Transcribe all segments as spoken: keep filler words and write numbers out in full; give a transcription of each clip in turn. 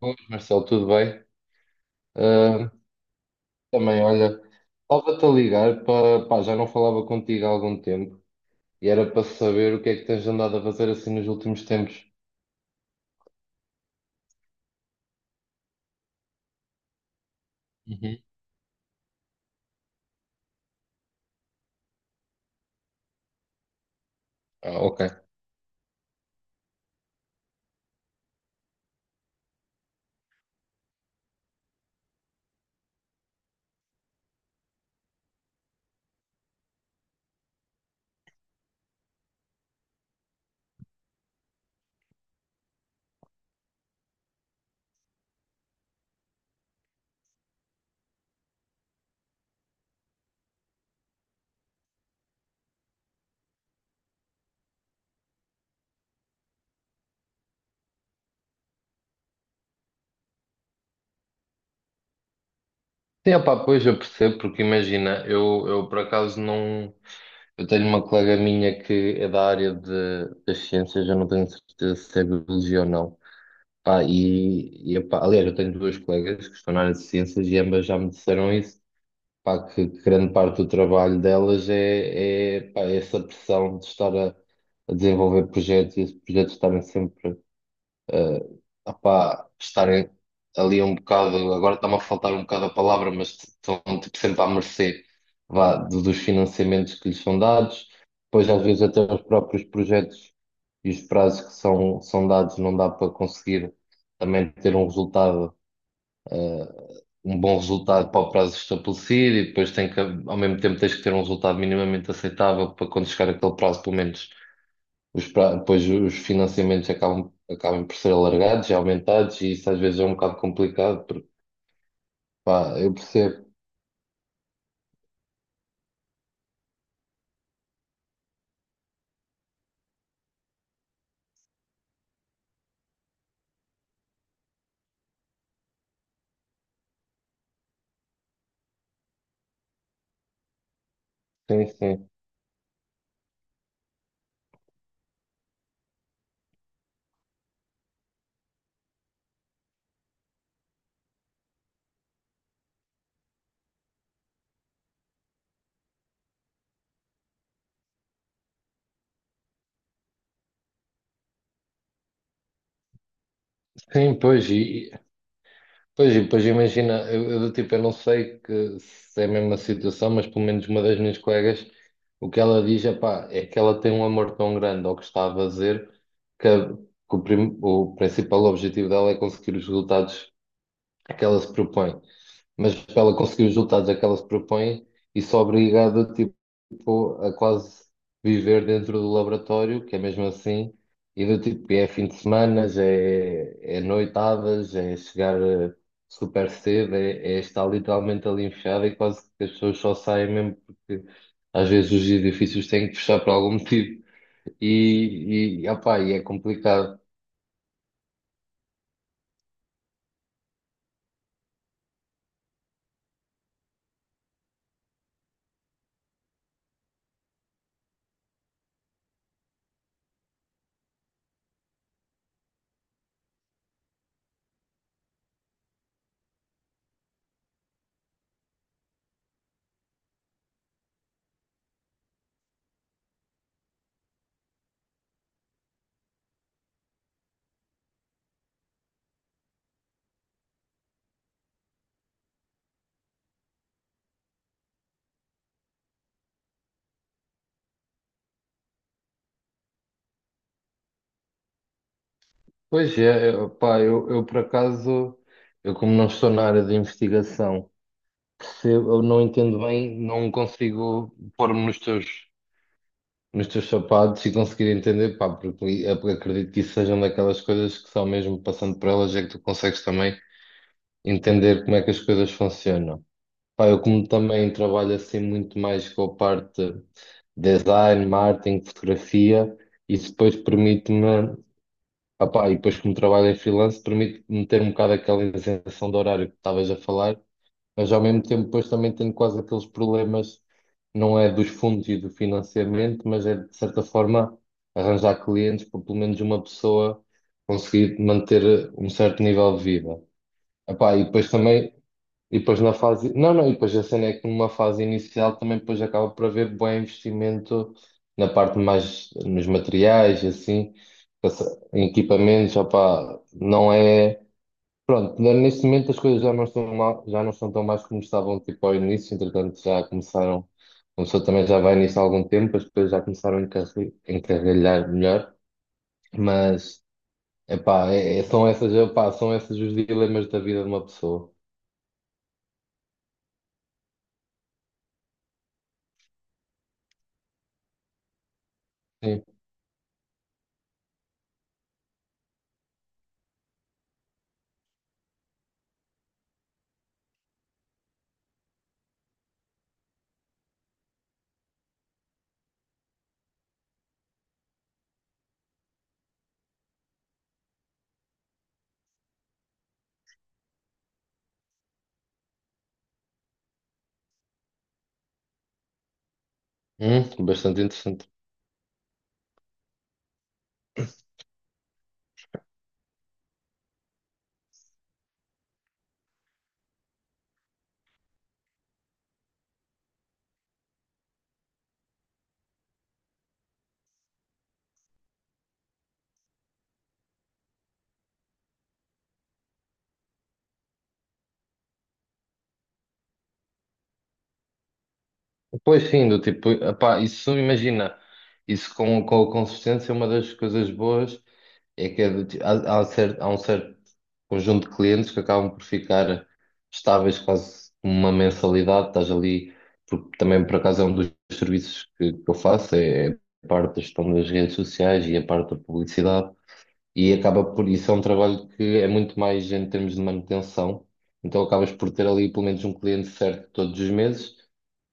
Boas, Marcelo, tudo bem? Ah, também, olha, estava-te a ligar para, pá, já não falava contigo há algum tempo e era para saber o que é que tens andado a fazer assim nos últimos tempos. Uhum. Ah, ok. Sim, opá, pois eu percebo, porque imagina, eu, eu por acaso não. Eu tenho uma colega minha que é da área de, das ciências, eu não tenho certeza se é biologia ou não. Pá, e, e, epá, aliás, eu tenho duas colegas que estão na área de ciências e ambas já me disseram isso. Pá, que grande parte do trabalho delas é, é, pá, é essa pressão de estar a, a desenvolver projetos e esses projetos estarem sempre eh, ah, pá, estarem ali um bocado, agora está-me a faltar um bocado a palavra, mas estão tipo, sempre à mercê vá, do- dos financiamentos que lhes são dados. Depois às vezes até os próprios projetos e os prazos que são, são dados não dá para conseguir também ter um resultado eh, um bom resultado para o prazo estabelecido, e depois tem que, ao mesmo tempo tens que ter um resultado minimamente aceitável para quando chegar aquele prazo, pelo menos os pra- depois os financiamentos acabam, acabam por ser alargados e aumentados, e isso às vezes é um bocado complicado porque pá, eu percebo. Sim, sim. Sim, pois, e, pois, e depois imagina, eu, eu do tipo, eu não sei que, se é a mesma situação, mas pelo menos uma das minhas colegas, o que ela diz é pá, é que ela tem um amor tão grande ao que está a fazer que, a- que o, prim- o principal objetivo dela é conseguir os resultados que ela se propõe, mas para ela conseguir os resultados a que ela se propõe, isso obriga tipo, a quase viver dentro do laboratório, que é mesmo assim, e do tipo, é fim de semana, é, é noitadas, é chegar eh, super cedo, é, é estar literalmente ali enfiado e quase que as pessoas só saem mesmo porque às vezes os edifícios têm que fechar por algum motivo e, e, opá, e é complicado. Pois é, opá, eu, eu por acaso, eu como não estou na área de investigação, percebo, eu não entendo bem, não consigo pôr-me nos teus, nos teus sapatos e conseguir entender, pá, porque eu acredito que isso sejam daquelas coisas que só mesmo passando por elas é que tu consegues também entender como é que as coisas funcionam. Pá, eu como também trabalho assim muito mais com a parte de design, marketing, fotografia, isso depois permite-me, ah pá, e depois como trabalho em freelance, permite-me ter um bocado aquela isenção de horário que estavas a falar, mas ao mesmo tempo depois também tenho quase aqueles problemas, não é dos fundos e do financiamento, mas é de certa forma arranjar clientes para pelo menos uma pessoa conseguir manter um certo nível de vida. Epá, e depois também, e depois na fase, não, não, e depois a cena é que numa fase inicial também depois acaba por haver bom investimento na parte mais, nos materiais, assim, em equipamentos, opá, não é. Pronto, né, neste momento as coisas já não estão mal, já não estão tão mais como estavam tipo ao início, entretanto já começaram, começou também já vai nisso há algum tempo, as coisas já começaram a encarri- encarrilhar melhor, mas epá, é, é- são essas, epá, são esses os dilemas da vida de uma pessoa. Sim. Hum, bastante interessante. Pois sim, do tipo, epá, isso imagina, isso com, com a consistência, uma das coisas boas é que é do ti- há, há cer- há um certo conjunto de clientes que acabam por ficar estáveis quase como uma mensalidade, estás ali, porque também por acaso é um dos serviços que, que eu faço, é é a parte da gestão das redes sociais e a parte da publicidade, e acaba por isso é um trabalho que é muito mais em termos de manutenção, então acabas por ter ali pelo menos um cliente certo todos os meses.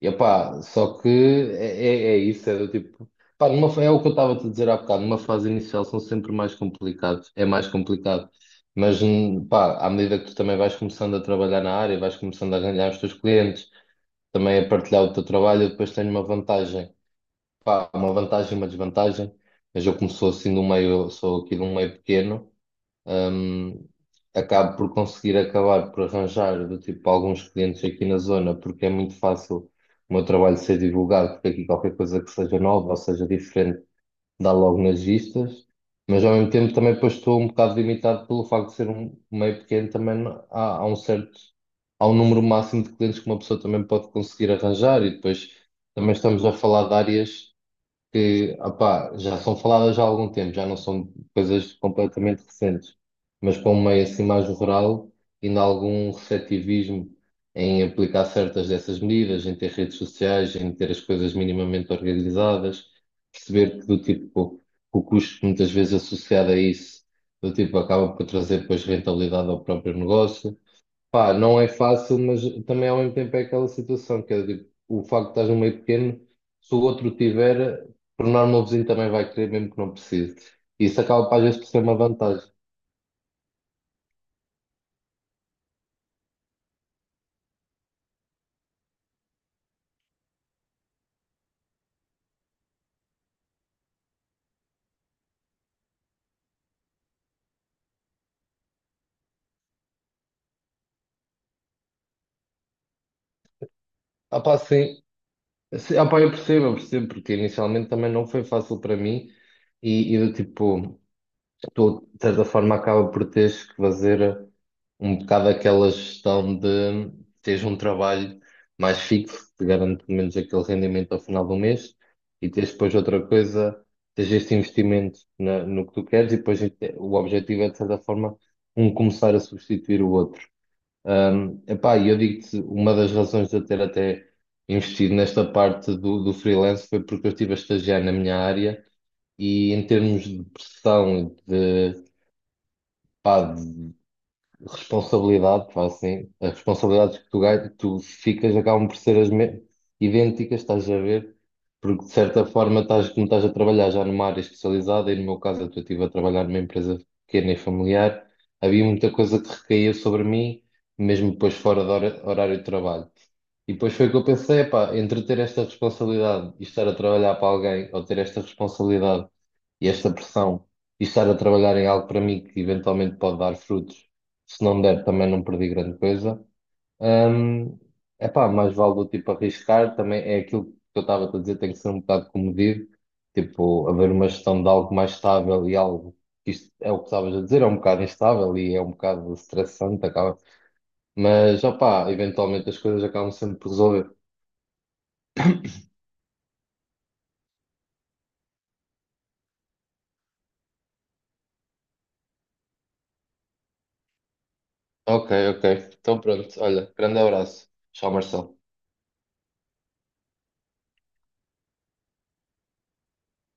E opá, só que é, é, é isso, é do tipo. Pá, numa, fa- é o que eu estava a te dizer há bocado, numa fase inicial são sempre mais complicados, é mais complicado. Mas hum, pá, à medida que tu também vais começando a trabalhar na área, vais começando a ganhar os teus clientes, também a partilhar o teu trabalho, eu depois tenho uma vantagem. Pá, uma vantagem e uma desvantagem, mas eu como sou assim de um meio, eu sou aqui de um meio pequeno. Hum, acabo por conseguir acabar por arranjar do tipo alguns clientes aqui na zona, porque é muito fácil o meu trabalho ser divulgado, porque aqui qualquer coisa que seja nova ou seja diferente dá logo nas vistas, mas ao mesmo tempo também depois estou um bocado limitado pelo facto de ser um meio pequeno, também não- há, há um certo, há um número máximo de clientes que uma pessoa também pode conseguir arranjar, e depois também estamos a falar de áreas que opá, já são faladas já há algum tempo, já não são coisas completamente recentes, mas para um meio assim mais rural, ainda há algum receptivismo em aplicar certas dessas medidas, em ter redes sociais, em ter as coisas minimamente organizadas, perceber que do tipo o custo muitas vezes associado a isso, do tipo acaba por trazer depois rentabilidade ao próprio negócio. Pá, não é fácil, mas também ao mesmo tempo é aquela situação, que é tipo, o facto de estás no meio pequeno, se o outro tiver, por norma o vizinho também vai querer, mesmo que não precise. Isso acaba para às vezes por ser uma vantagem. Ah pá, sim, sim, ah pá, eu percebo, eu percebo, porque inicialmente também não foi fácil para mim, e, e do tipo, tu, de certa forma, acaba por teres que fazer um bocado aquela gestão de teres um trabalho mais fixo, que te garante pelo menos aquele rendimento ao final do mês, e teres depois outra coisa, teres este investimento na- no que tu queres, e depois até- o objetivo é, de certa forma, um começar a substituir o outro. Um, epá, e eu digo-te, uma das razões de eu ter até investido nesta parte do, do freelance foi porque eu estive a estagiar na minha área e em termos de pressão, pá, de responsabilidade, pá, assim, as responsabilidades que tu, gai- tu ficas acabam por ser as me- idênticas, estás a ver? Porque de certa forma estás, como estás a trabalhar já numa área especializada, e no meu caso eu estive a trabalhar numa empresa pequena e familiar, havia muita coisa que recaía sobre mim, mesmo depois fora do hora- horário de trabalho. E depois foi que eu pensei, pá, entre ter esta responsabilidade e estar a trabalhar para alguém, ou ter esta responsabilidade e esta pressão e estar a trabalhar em algo para mim que eventualmente pode dar frutos, se não der também não perdi grande coisa. Hum, epá, mais vale do tipo arriscar, também é aquilo que eu estava a dizer, tem que ser um bocado comedido, tipo, haver uma gestão de algo mais estável e algo que isto é o que estavas a dizer, é um bocado instável e é um bocado estressante, acaba. Mas, opá, eventualmente as coisas acabam sempre por resolver. Ok, ok. Então pronto, olha, grande abraço. Tchau, Marcelo.